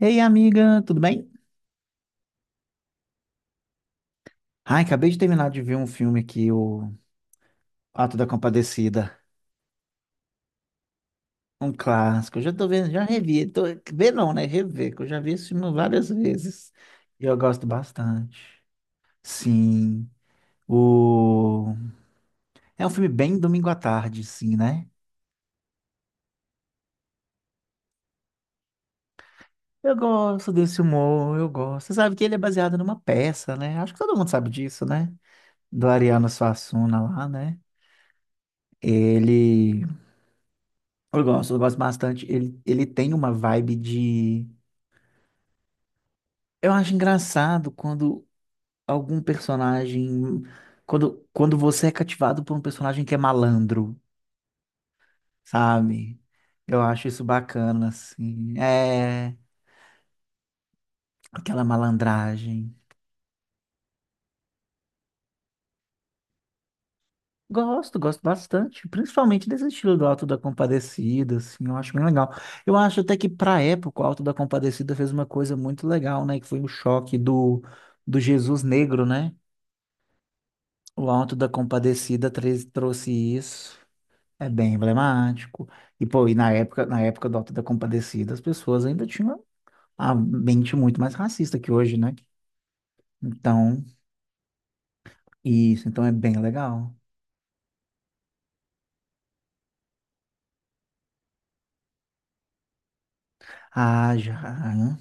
Ei, amiga, tudo bem? Ai, acabei de terminar de ver um filme aqui, o Ato da Compadecida, um clássico. Eu já tô vendo, já revi, tô, ver não, né? Rever, que eu já vi esse filme várias vezes e eu gosto bastante. Sim, o... é um filme bem domingo à tarde, sim, né? Eu gosto desse humor, eu gosto. Você sabe que ele é baseado numa peça, né? Acho que todo mundo sabe disso, né? Do Ariano Suassuna lá, né? Ele... eu gosto bastante. Ele tem uma vibe de. Eu acho engraçado quando algum personagem. Quando você é cativado por um personagem que é malandro, sabe? Eu acho isso bacana, assim. É. Aquela malandragem. Gosto, gosto bastante. Principalmente desse estilo do Auto da Compadecida, assim. Eu acho bem legal. Eu acho até que, pra época, o Auto da Compadecida fez uma coisa muito legal, né? Que foi o choque do Jesus Negro, né? O Auto da Compadecida trouxe isso. É bem emblemático. E, pô, e na época do Auto da Compadecida, as pessoas ainda tinham a mente muito mais racista que hoje, né? Então, isso, então é bem legal. Ah, já, né?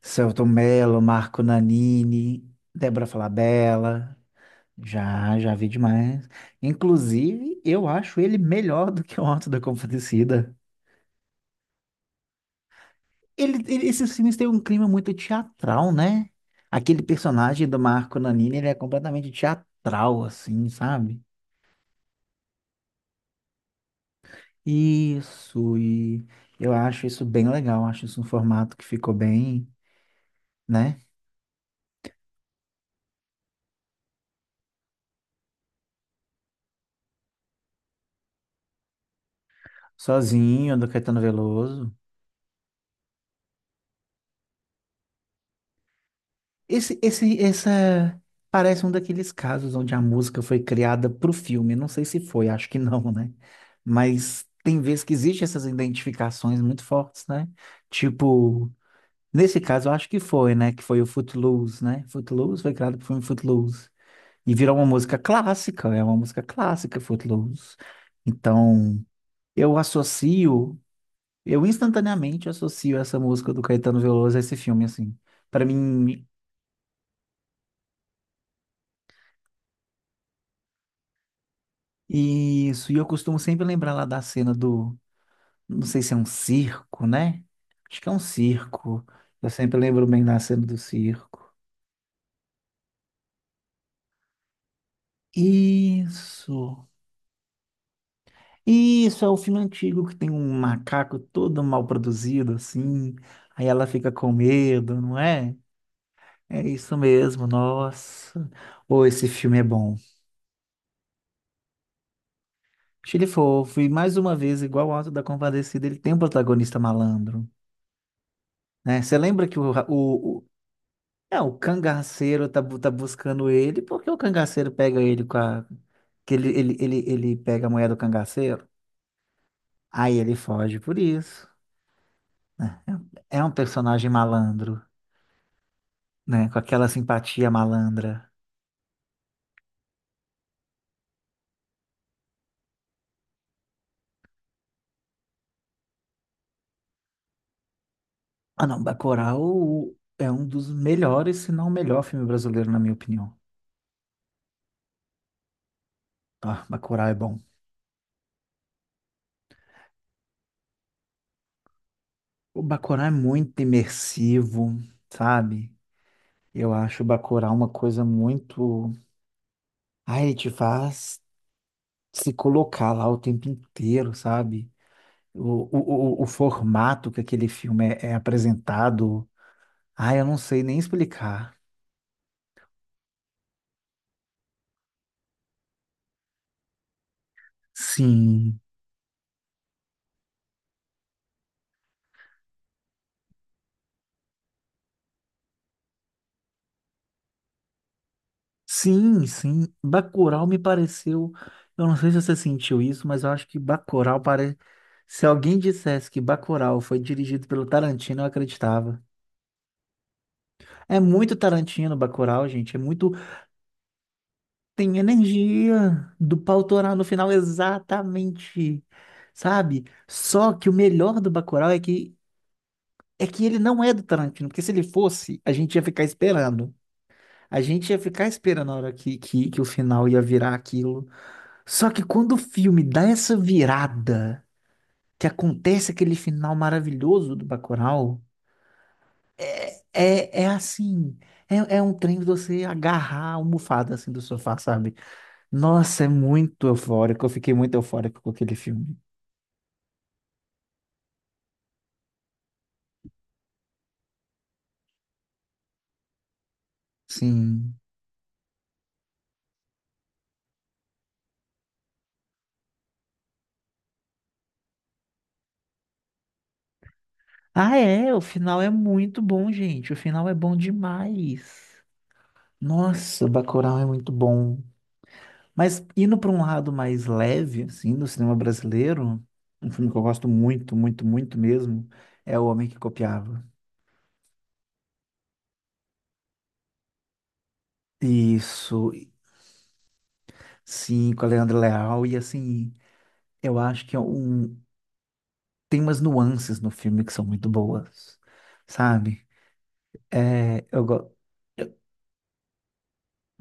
Selton Mello, Marco Nanini, Débora Falabella. Já, já vi demais. Inclusive, eu acho ele melhor do que o Auto da Compadecida. Esses filmes têm um clima muito teatral, né? Aquele personagem do Marco Nanini, ele é completamente teatral, assim, sabe? Isso, e eu acho isso bem legal, acho isso um formato que ficou bem, né? Sozinho, do Caetano Veloso. Essa parece um daqueles casos onde a música foi criada pro filme. Não sei se foi, acho que não, né? Mas tem vezes que existem essas identificações muito fortes, né? Tipo. Nesse caso, eu acho que foi, né? Que foi o Footloose, né? Footloose foi criado por filme Footloose. E virou uma música clássica, é uma música clássica, Footloose. Então, eu associo, eu instantaneamente associo essa música do Caetano Veloso a esse filme, assim. Pra mim, isso. E eu costumo sempre lembrar lá da cena do, não sei se é um circo, né? Acho que é um circo. Eu sempre lembro bem da cena do circo. Isso. Isso, é o filme antigo que tem um macaco todo mal produzido, assim. Aí ela fica com medo, não é? É isso mesmo, nossa. Ou esse filme é bom. Achei ele fofo. E mais uma vez, igual o Auto da Compadecida, ele tem um protagonista malandro, né? Você lembra que o, ra- o- é, o cangaceiro tá buscando ele, porque o cangaceiro pega ele com a... Que ele pega a mulher do cangaceiro, aí ele foge por isso. Né? É um personagem malandro. Né? Com aquela simpatia malandra. Ah, não, Bacurau é um dos melhores, se não o melhor filme brasileiro, na minha opinião. Ah, Bacurau é bom. O Bacurau é muito imersivo, sabe? Eu acho o Bacurau uma coisa muito... Ah, ele te faz se colocar lá o tempo inteiro, sabe? O, o formato que aquele filme é, é apresentado. Ah, eu não sei nem explicar. Sim. Sim, sim. Bacurau me pareceu. Eu não sei se você sentiu isso, mas eu acho que Bacurau parece. Se alguém dissesse que Bacurau foi dirigido pelo Tarantino, eu acreditava. É muito Tarantino, Bacurau, gente. É muito. Tem energia do pau torar no final, exatamente. Sabe? Só que o melhor do Bacurau é que ele não é do Tarantino, porque se ele fosse, a gente ia ficar esperando. A gente ia ficar esperando a hora que o final ia virar aquilo. Só que quando o filme dá essa virada, que acontece aquele final maravilhoso do Bacurau, é assim, é um trem de você agarrar a almofada assim do sofá, sabe? Nossa, é muito eufórico, eu fiquei muito eufórico com aquele filme. Sim. Ah, é, o final é muito bom, gente, o final é bom demais. Nossa, Bacurau é muito bom. Mas indo para um lado mais leve, assim, do cinema brasileiro, um filme que eu gosto muito, muito, muito mesmo, é O Homem que Copiava. Isso, sim, com a Leandro Leal, e assim, eu acho que é um, tem umas nuances no filme que são muito boas, sabe? É,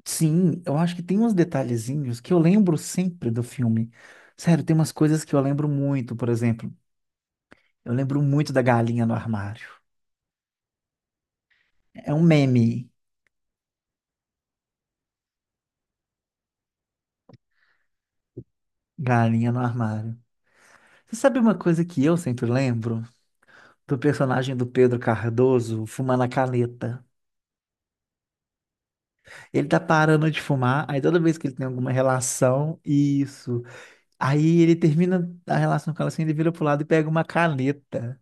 sim, eu acho que tem uns detalhezinhos que eu lembro sempre do filme. Sério, tem umas coisas que eu lembro muito, por exemplo, eu lembro muito da galinha no armário. É um meme, galinha no armário. Você sabe uma coisa que eu sempre lembro? Do personagem do Pedro Cardoso fumando a caneta. Ele tá parando de fumar, aí toda vez que ele tem alguma relação, isso. Aí ele termina a relação com ela assim, ele vira pro lado e pega uma caneta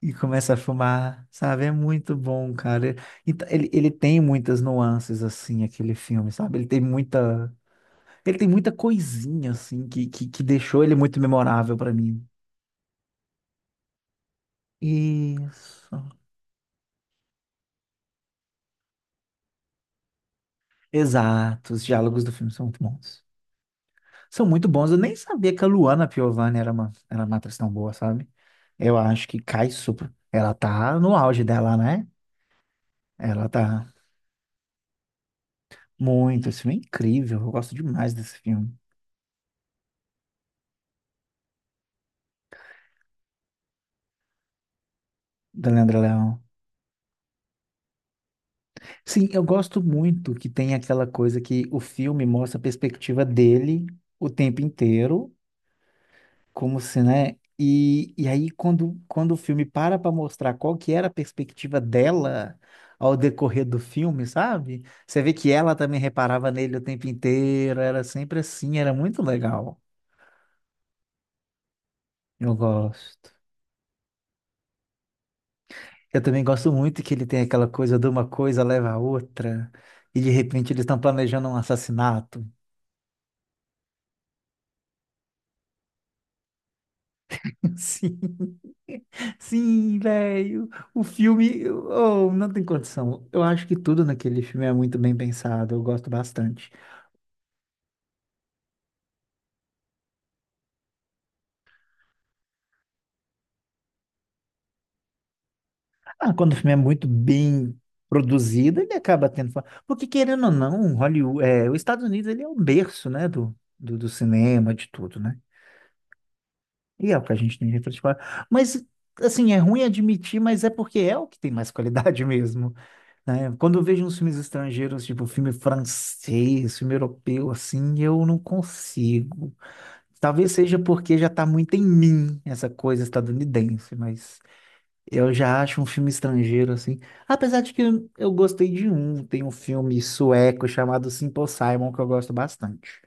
e começa a fumar, sabe? É muito bom, cara. Então, ele tem muitas nuances, assim, aquele filme, sabe? Ele tem muita. Ele tem muita coisinha, assim, que deixou ele muito memorável pra mim. Isso. Exato, os diálogos do filme são muito bons. São muito bons. Eu nem sabia que a Luana Piovani era uma atriz tão boa, sabe? Eu acho que cai super. Ela tá no auge dela, né? Ela tá muito. Esse filme é incrível. Eu gosto demais desse filme, da Leandra Leão. Sim, eu gosto muito que tem aquela coisa que o filme mostra a perspectiva dele o tempo inteiro. Como se, né? E aí, quando, quando o filme para para mostrar qual que era a perspectiva dela ao decorrer do filme, sabe? Você vê que ela também reparava nele o tempo inteiro, era sempre assim, era muito legal. Eu gosto. Eu também gosto muito que ele tem aquela coisa de uma coisa leva a outra, e de repente eles estão planejando um assassinato. Sim, sim, velho. O filme, oh, não tem condição. Eu acho que tudo naquele filme é muito bem pensado, eu gosto bastante. Ah, quando o filme é muito bem produzido, ele acaba tendo fama. Porque, querendo ou não, Hollywood, é, os Estados Unidos ele é o berço, né, do cinema, de tudo, né? E é o que a gente tem que criticar. Mas, assim, é ruim admitir, mas é porque é o que tem mais qualidade mesmo, né? Quando eu vejo uns filmes estrangeiros, tipo filme francês, filme europeu, assim, eu não consigo. Talvez seja porque já está muito em mim essa coisa estadunidense, mas... Eu já acho um filme estrangeiro, assim. Apesar de que eu gostei de um. Tem um filme sueco chamado Simple Simon que eu gosto bastante.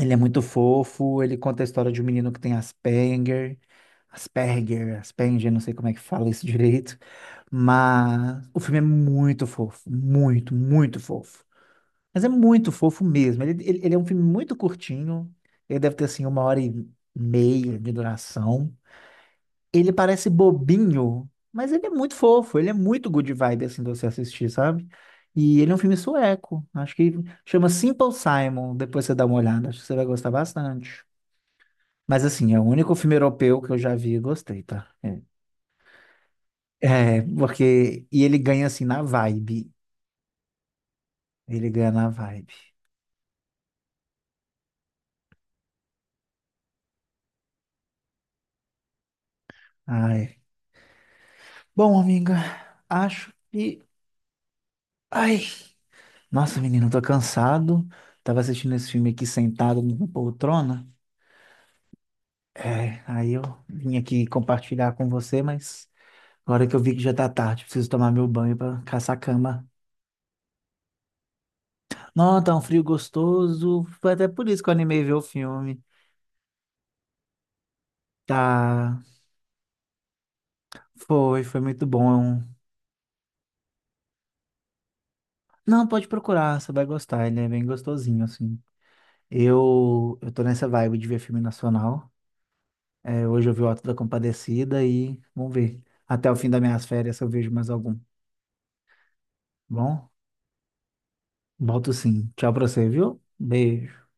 Ele é muito fofo, ele conta a história de um menino que tem Asperger. Asperger, Asperger, não sei como é que fala isso direito. Mas o filme é muito fofo. Muito, muito fofo. Mas é muito fofo mesmo. Ele é um filme muito curtinho. Ele deve ter, assim, uma hora e meia de duração. Ele parece bobinho, mas ele é muito fofo, ele é muito good vibe assim de você assistir, sabe? E ele é um filme sueco, acho que chama Simple Simon, depois você dá uma olhada, acho que você vai gostar bastante. Mas assim, é o único filme europeu que eu já vi e gostei, tá? É, é, porque e ele ganha assim na vibe. Ele ganha na vibe. Ai. Bom, amiga, acho que ai, nossa, menina, eu tô cansado. Tava assistindo esse filme aqui sentado numa poltrona. É, aí eu vim aqui compartilhar com você, mas agora que eu vi que já tá tarde, preciso tomar meu banho pra caçar a cama. Não, tá um frio gostoso. Foi até por isso que eu animei ver o filme. Tá, foi, foi muito bom. Não, pode procurar, você vai gostar, ele é bem gostosinho, assim. Eu tô nessa vibe de ver filme nacional. É, hoje eu vi o Auto da Compadecida e vamos ver. Até o fim das minhas férias eu vejo mais algum. Bom, volto sim. Tchau pra você, viu? Beijo.